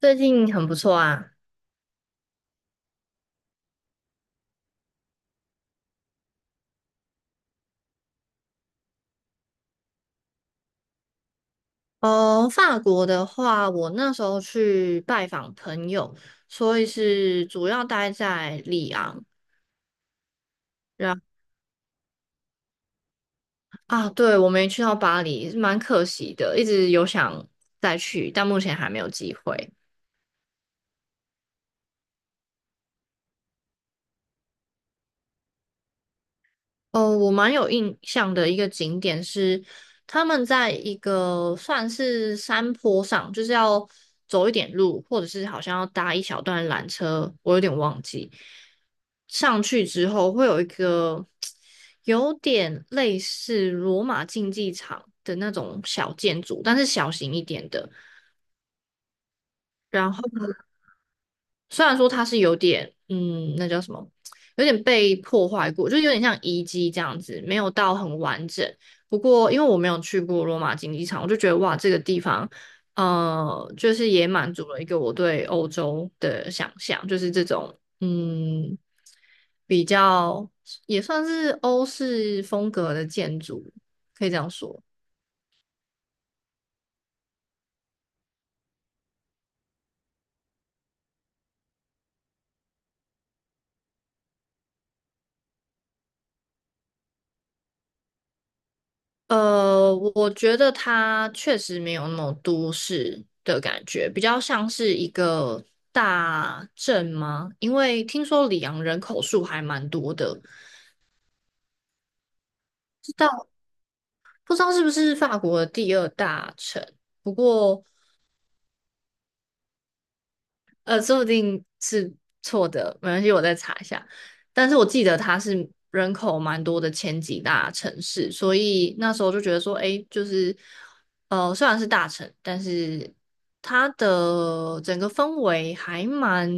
最近很不错啊。哦，法国的话，我那时候去拜访朋友，所以是主要待在里昂。然啊，对，我没去到巴黎，蛮可惜的，一直有想再去，但目前还没有机会。哦，我蛮有印象的一个景点是，他们在一个算是山坡上，就是要走一点路，或者是好像要搭一小段缆车，我有点忘记。上去之后会有一个有点类似罗马竞技场的那种小建筑，但是小型一点的。然后虽然说它是有点，那叫什么，有点被破坏过，就是有点像遗迹这样子，没有到很完整。不过因为我没有去过罗马竞技场，我就觉得哇，这个地方，就是也满足了一个我对欧洲的想象，就是这种，比较也算是欧式风格的建筑，可以这样说。我觉得它确实没有那种都市的感觉，比较像是一个大镇吗？因为听说里昂人口数还蛮多的，知道不知道是不是法国的第二大城。不过说不定是错的，没关系，我再查一下。但是我记得它是人口蛮多的前几大城市，所以那时候就觉得说，诶，就是,虽然是大城，但是它的整个氛围还蛮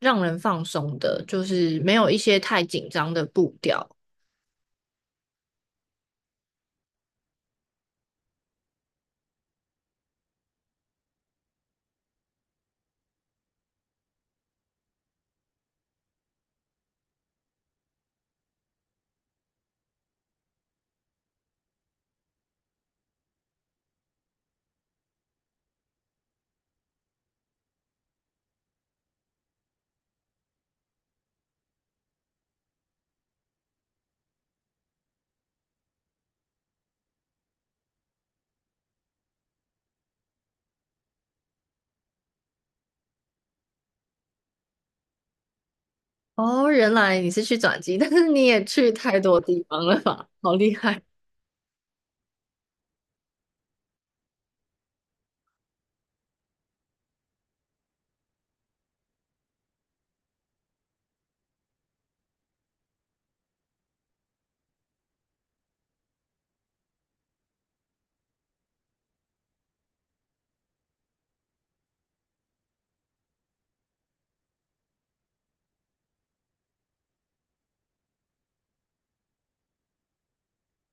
让人放松的，就是没有一些太紧张的步调。哦，原来你是去转机，但是你也去太多地方了吧？好厉害！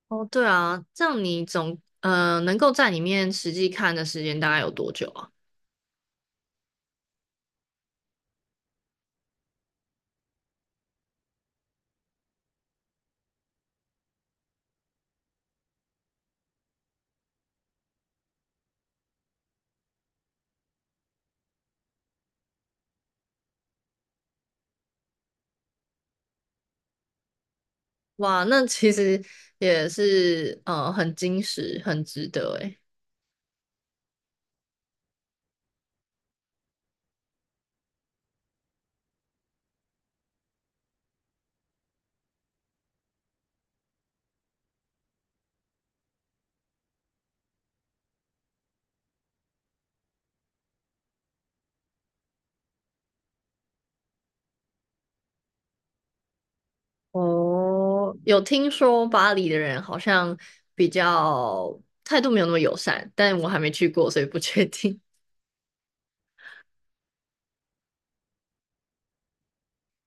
哦，对啊，这样你总能够在里面实际看的时间大概有多久啊？哇，那其实也是很精实，很值得诶。哦，有听说巴黎的人好像比较态度没有那么友善，但我还没去过，所以不确定。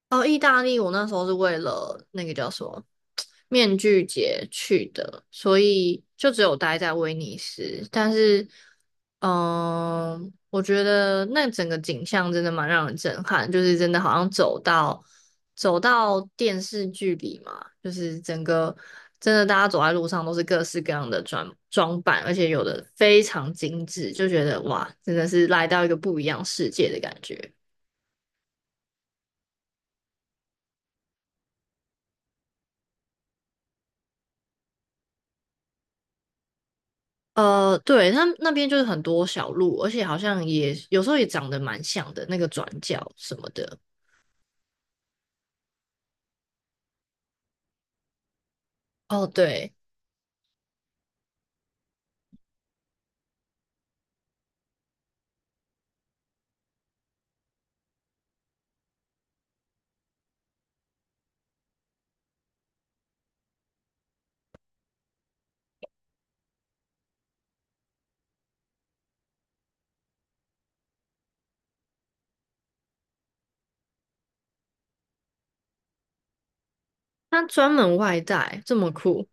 哦，意大利，我那时候是为了那个叫什么面具节去的，所以就只有待在威尼斯。但是，我觉得那整个景象真的蛮让人震撼，就是真的好像走到电视剧里嘛，就是整个真的大家走在路上都是各式各样的装装扮，而且有的非常精致，就觉得哇，真的是来到一个不一样世界的感觉。对，它那边就是很多小路，而且好像也有时候也长得蛮像的，那个转角什么的。哦，对，他专门外带，这么酷，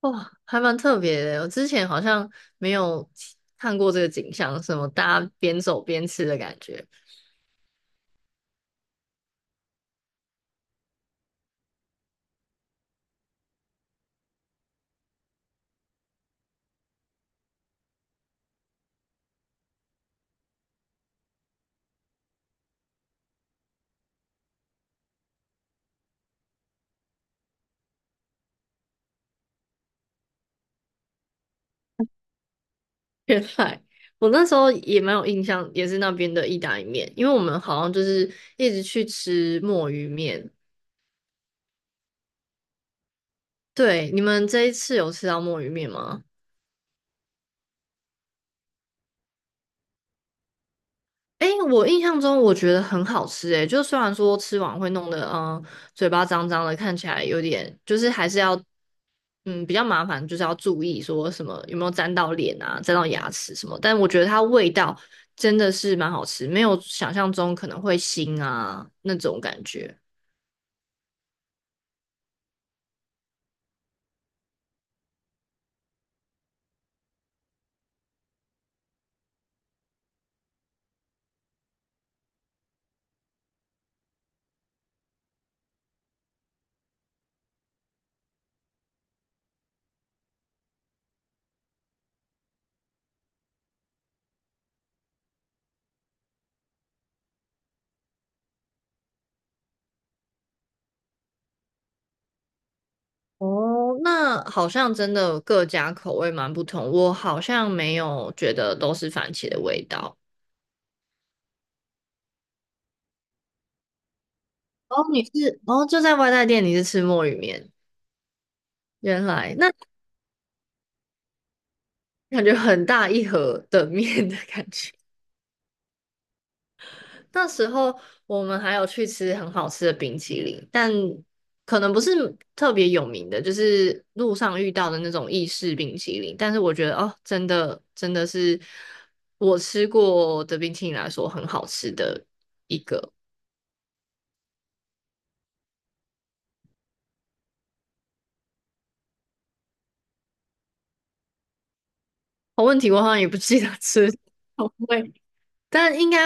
哇，还蛮特别的。我之前好像没有看过这个景象，什么大家边走边吃的感觉。原来我那时候也蛮有印象，也是那边的意大利面，因为我们好像就是一直去吃墨鱼面。对，你们这一次有吃到墨鱼面吗？诶，我印象中我觉得很好吃诶，就虽然说吃完会弄得嘴巴脏脏的，看起来有点就是还是要比较麻烦，就是要注意说什么有没有沾到脸啊、沾到牙齿什么，但我觉得它味道真的是蛮好吃，没有想象中可能会腥啊那种感觉。哦，那好像真的各家口味蛮不同，我好像没有觉得都是番茄的味道。哦，你是哦就在外带店，你是吃墨鱼面，原来那。感觉很大一盒的面的感觉。那时候我们还有去吃很好吃的冰淇淋，但可能不是特别有名的，就是路上遇到的那种意式冰淇淋。但是我觉得哦，真的真的是我吃过的冰淇淋来说很好吃的一个。好问题我好像也不记得吃什么味但应该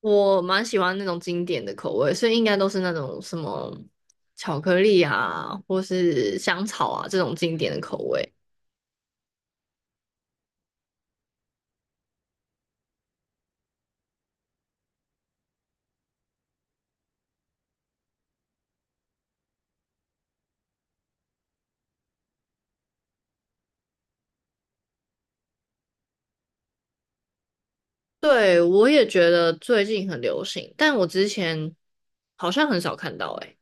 我蛮喜欢那种经典的口味，所以应该都是那种什么巧克力啊，或是香草啊这种经典的口味。对，我也觉得最近很流行，但我之前好像很少看到诶、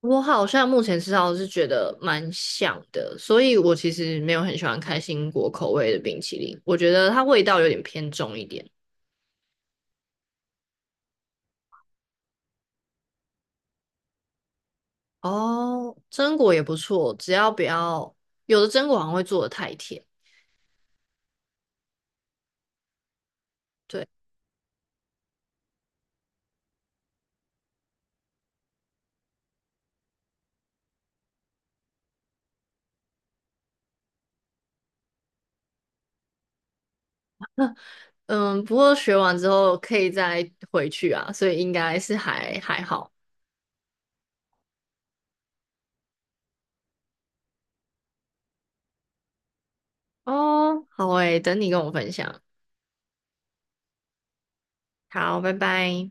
我好像目前吃到的是觉得蛮像的，所以我其实没有很喜欢开心果口味的冰淇淋，我觉得它味道有点偏重一点。哦，榛果也不错，只要不要，有的榛果好像会做的太甜。对。嗯，不过学完之后可以再回去啊，所以应该是还还好。哦，好诶，等你跟我分享。好，拜拜。